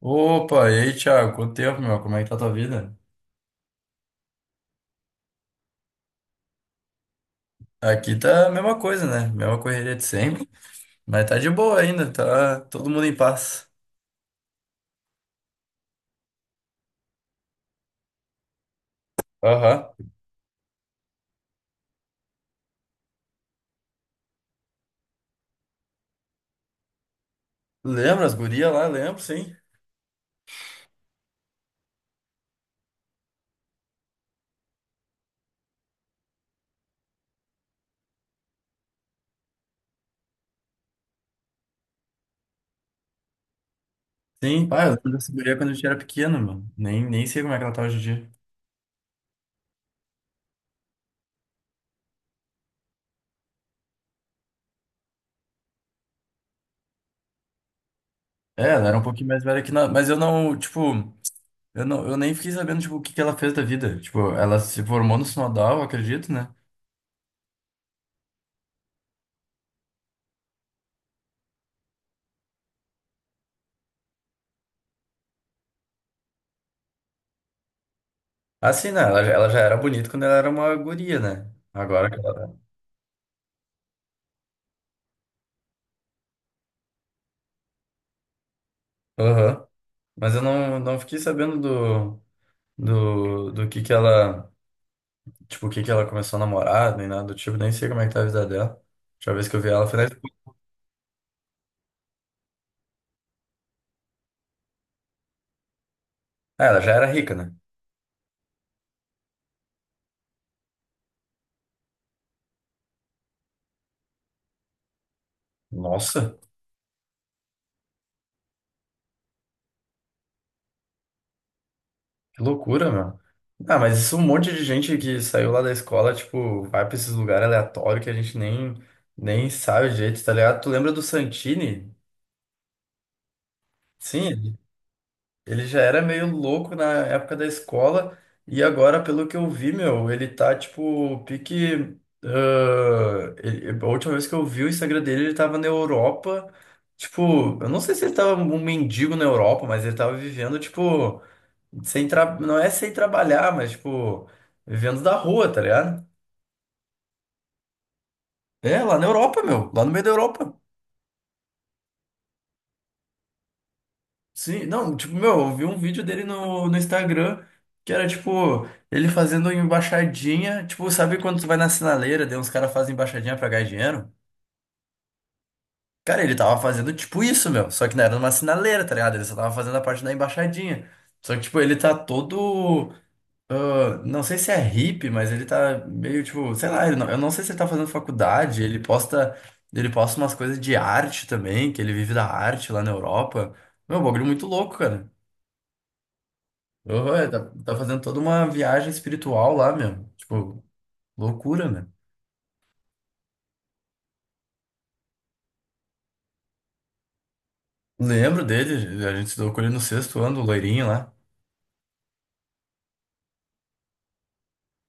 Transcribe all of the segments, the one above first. Opa, e aí, Thiago? Quanto tempo, meu? Como é que tá a tua vida? Aqui tá a mesma coisa, né? Mesma correria de sempre, mas tá de boa ainda, tá todo mundo em paz. Aham. Lembra as gurias lá? Lembro, sim. Sim, pai, eu lembro dessa guria quando a gente era pequeno, mano. Nem sei como é que ela tá hoje em dia. É, ela era um pouquinho mais velha que nós, mas eu não, tipo, eu nem fiquei sabendo, tipo, o que que ela fez da vida. Tipo, ela se formou no Sinodal, eu acredito, né? Assim, né? Ela já era bonita quando ela era uma guria, né? Agora que ela tá. Aham. Mas eu não fiquei sabendo do que ela, tipo, o que que ela começou a namorar, nem nada do tipo, nem sei como é que tá a vida dela. A última vez que eu vi ela foi na escola. Ah, ela já era rica, né? Nossa, que loucura, meu. Ah, mas isso é um monte de gente que saiu lá da escola, tipo, vai pra esses lugares aleatórios que a gente nem sabe o, tá ligado? Tu lembra do Santini? Sim. Ele já era meio louco na época da escola, e agora, pelo que eu vi, meu, ele tá tipo, pique. A última vez que eu vi o Instagram dele, ele tava na Europa. Tipo, eu não sei se ele tava um mendigo na Europa, mas ele tava vivendo, tipo, sem tra... não é sem trabalhar, mas, tipo, vivendo da rua, tá ligado? É, lá na Europa, meu, lá no meio da Europa. Sim, não, tipo, meu, eu vi um vídeo dele no Instagram que era tipo, ele fazendo uma embaixadinha. Tipo, sabe quando tu vai na sinaleira, daí uns caras fazem embaixadinha pra ganhar dinheiro? Cara, ele tava fazendo tipo isso, meu. Só que não era numa sinaleira, tá ligado? Ele só tava fazendo a parte da embaixadinha. Só que, tipo, ele tá todo. Não sei se é hippie, mas ele tá meio tipo, sei lá, ele não- eu não sei se ele tá fazendo faculdade. Ele posta umas coisas de arte também, que ele vive da arte lá na Europa. Meu, bagulho muito louco, cara. Oh, é, tá, tá fazendo toda uma viagem espiritual lá, meu. Tipo, loucura, né? Lembro dele, a gente se deu com ele no sexto ano, o loirinho lá.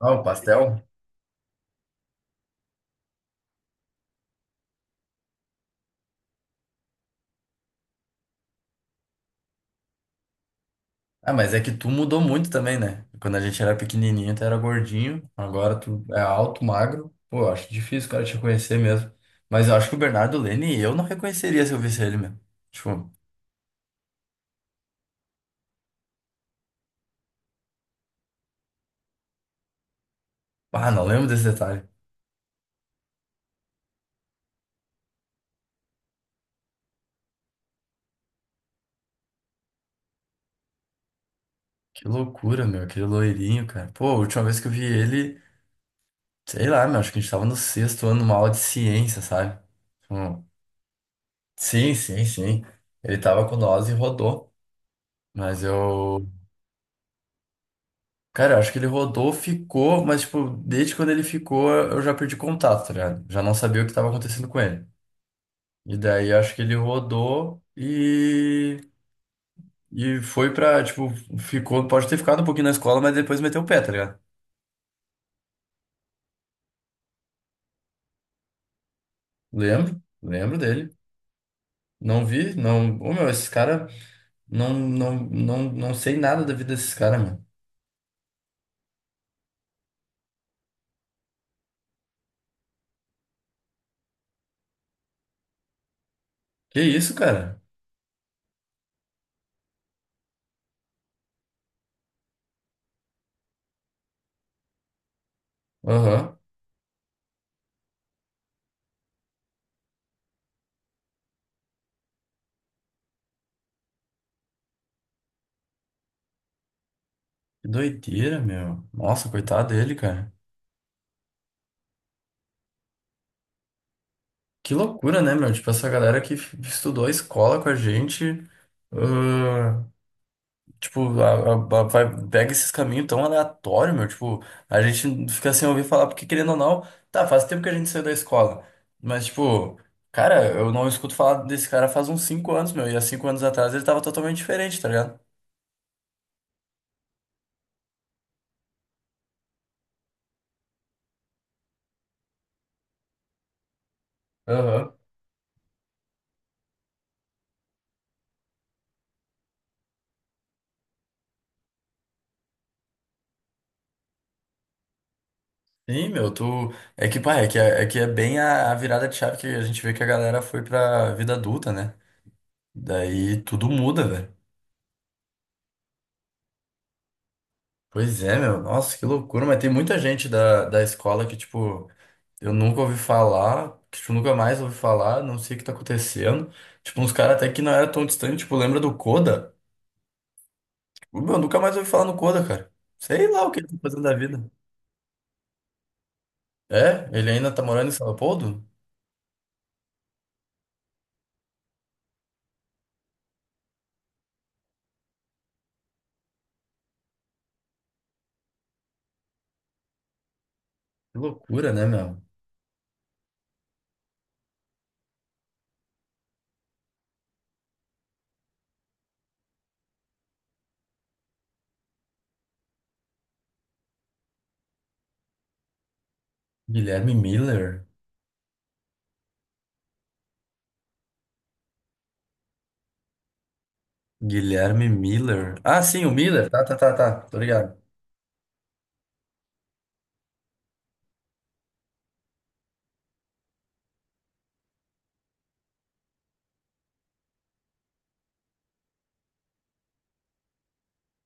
Ah, o pastel. Ah, mas é que tu mudou muito também, né? Quando a gente era pequenininho, tu era gordinho, agora tu é alto, magro. Pô, eu acho difícil o cara te reconhecer mesmo. Mas eu acho que o Bernardo Lene, eu não reconheceria se eu visse ele, mesmo. Tipo. Ah, não lembro desse detalhe. Que loucura, meu, aquele loirinho, cara. Pô, a última vez que eu vi ele. Sei lá, meu, acho que a gente tava no sexto ano, uma aula de ciência, sabe? Tipo, sim, sim, sim. Ele tava com nós e rodou. Mas eu. Cara, eu acho que ele rodou, ficou, mas, tipo, desde quando ele ficou, eu já perdi contato, tá ligado? Já não sabia o que tava acontecendo com ele. E daí eu acho que ele rodou e. E foi pra, tipo, ficou. Pode ter ficado um pouquinho na escola, mas depois meteu o pé, tá ligado? Lembro, lembro dele. Não vi, não. Ô, meu, esses caras. Não, não, não, não sei nada da vida desses caras, meu. Que isso, cara? Aham. Que doideira, meu. Nossa, coitado dele, cara. Que loucura, né, meu? Tipo, essa galera que estudou a escola com a gente, ah, tipo, pega esses caminhos tão aleatórios, meu. Tipo, a gente fica sem ouvir falar, porque querendo ou não, tá, faz tempo que a gente saiu da escola. Mas, tipo, cara, eu não escuto falar desse cara faz uns 5 anos, meu. E há 5 anos atrás ele tava totalmente diferente, tá ligado? Aham. Sim, meu, tu. É que, pá, é que é bem a virada de chave que a gente vê que a galera foi pra vida adulta, né? Daí tudo muda, velho. Pois é, meu. Nossa, que loucura. Mas tem muita gente da escola que, tipo, eu nunca ouvi falar, que, tipo, nunca mais ouvi falar, não sei o que tá acontecendo. Tipo, uns caras até que não era tão distante, tipo, lembra do Coda? Tipo, meu, nunca mais ouvi falar no Coda, cara. Sei lá o que ele tá fazendo da vida. É? Ele ainda tá morando em São Leopoldo? Que loucura, né, meu? Guilherme Miller. Guilherme Miller. Ah, sim, o Miller. Tá, tá, tá, tá. Tô ligado.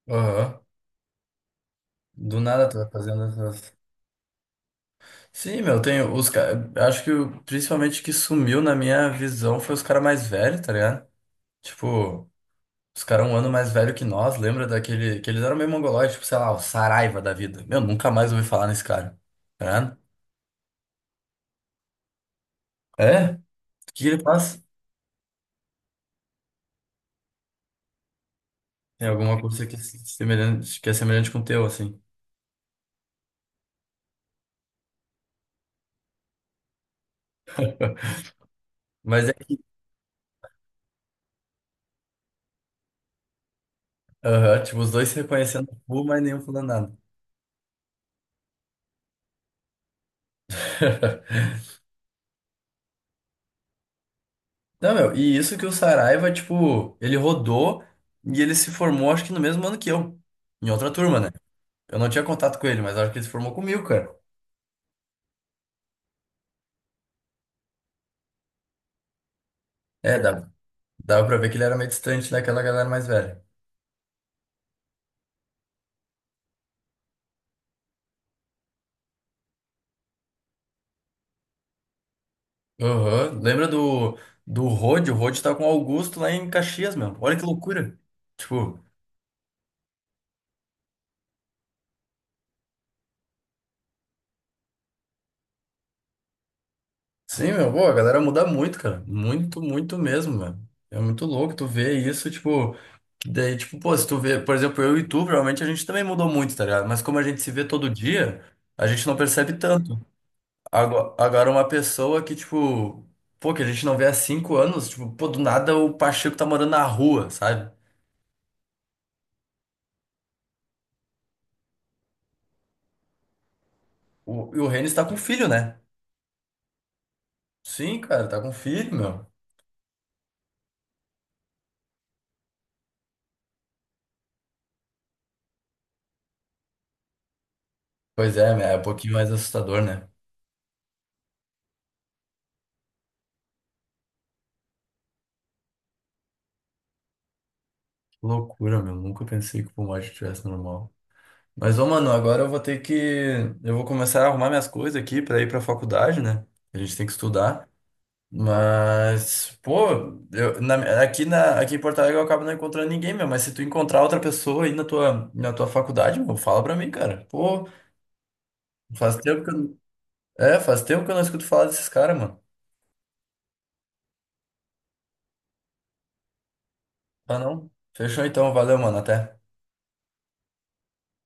Aham. Do nada tô fazendo essas. Sim, meu, tenho os caras. Acho que principalmente que sumiu na minha visão foi os caras mais velhos, tá ligado? Tipo, os caras um ano mais velho que nós, lembra daquele. Que eles eram meio mongolóides, tipo, sei lá, o Saraiva da vida. Meu, nunca mais ouvi falar nesse cara. Tá ligado? É? O que ele faz? Tem alguma coisa que é semelhante com o teu, assim. Mas é. Aham, tipo, os dois se reconhecendo, pô, mas nenhum falando nada. Não, meu, e isso que o Saraiva, tipo, ele rodou e ele se formou, acho que no mesmo ano que eu, em outra turma, né? Eu não tinha contato com ele, mas acho que ele se formou comigo, cara. É, dava pra ver que ele era meio distante daquela galera mais velha. Aham. Lembra do Rod? O Rod tá com o Augusto lá em Caxias, meu. Olha que loucura. Tipo, sim, meu, pô, a galera muda muito, cara. Muito, muito mesmo, mano. É muito louco tu ver isso, tipo. Daí, tipo, pô, se tu vê, por exemplo, eu e tu, provavelmente a gente também mudou muito, tá ligado? Mas como a gente se vê todo dia, a gente não percebe tanto. Agora, uma pessoa que, tipo, pô, que a gente não vê há 5 anos, tipo, pô, do nada o Pacheco tá morando na rua, sabe? O, e o Renis tá com filho, né? Sim, cara, tá com filho, meu. Pois é, né? É um pouquinho mais assustador, né? Que loucura, meu. Nunca pensei que o pulmão tivesse normal. Mas, ô, mano, agora eu vou ter que. Eu vou começar a arrumar minhas coisas aqui pra ir pra faculdade, né? A gente tem que estudar. Mas, pô, eu, na, aqui em Porto Alegre eu acabo não encontrando ninguém, meu. Mas se tu encontrar outra pessoa aí na tua faculdade, meu, fala pra mim, cara. Pô, faz tempo que eu, faz tempo que eu não escuto falar desses caras, mano. Ah, não. Fechou então, valeu, mano, até.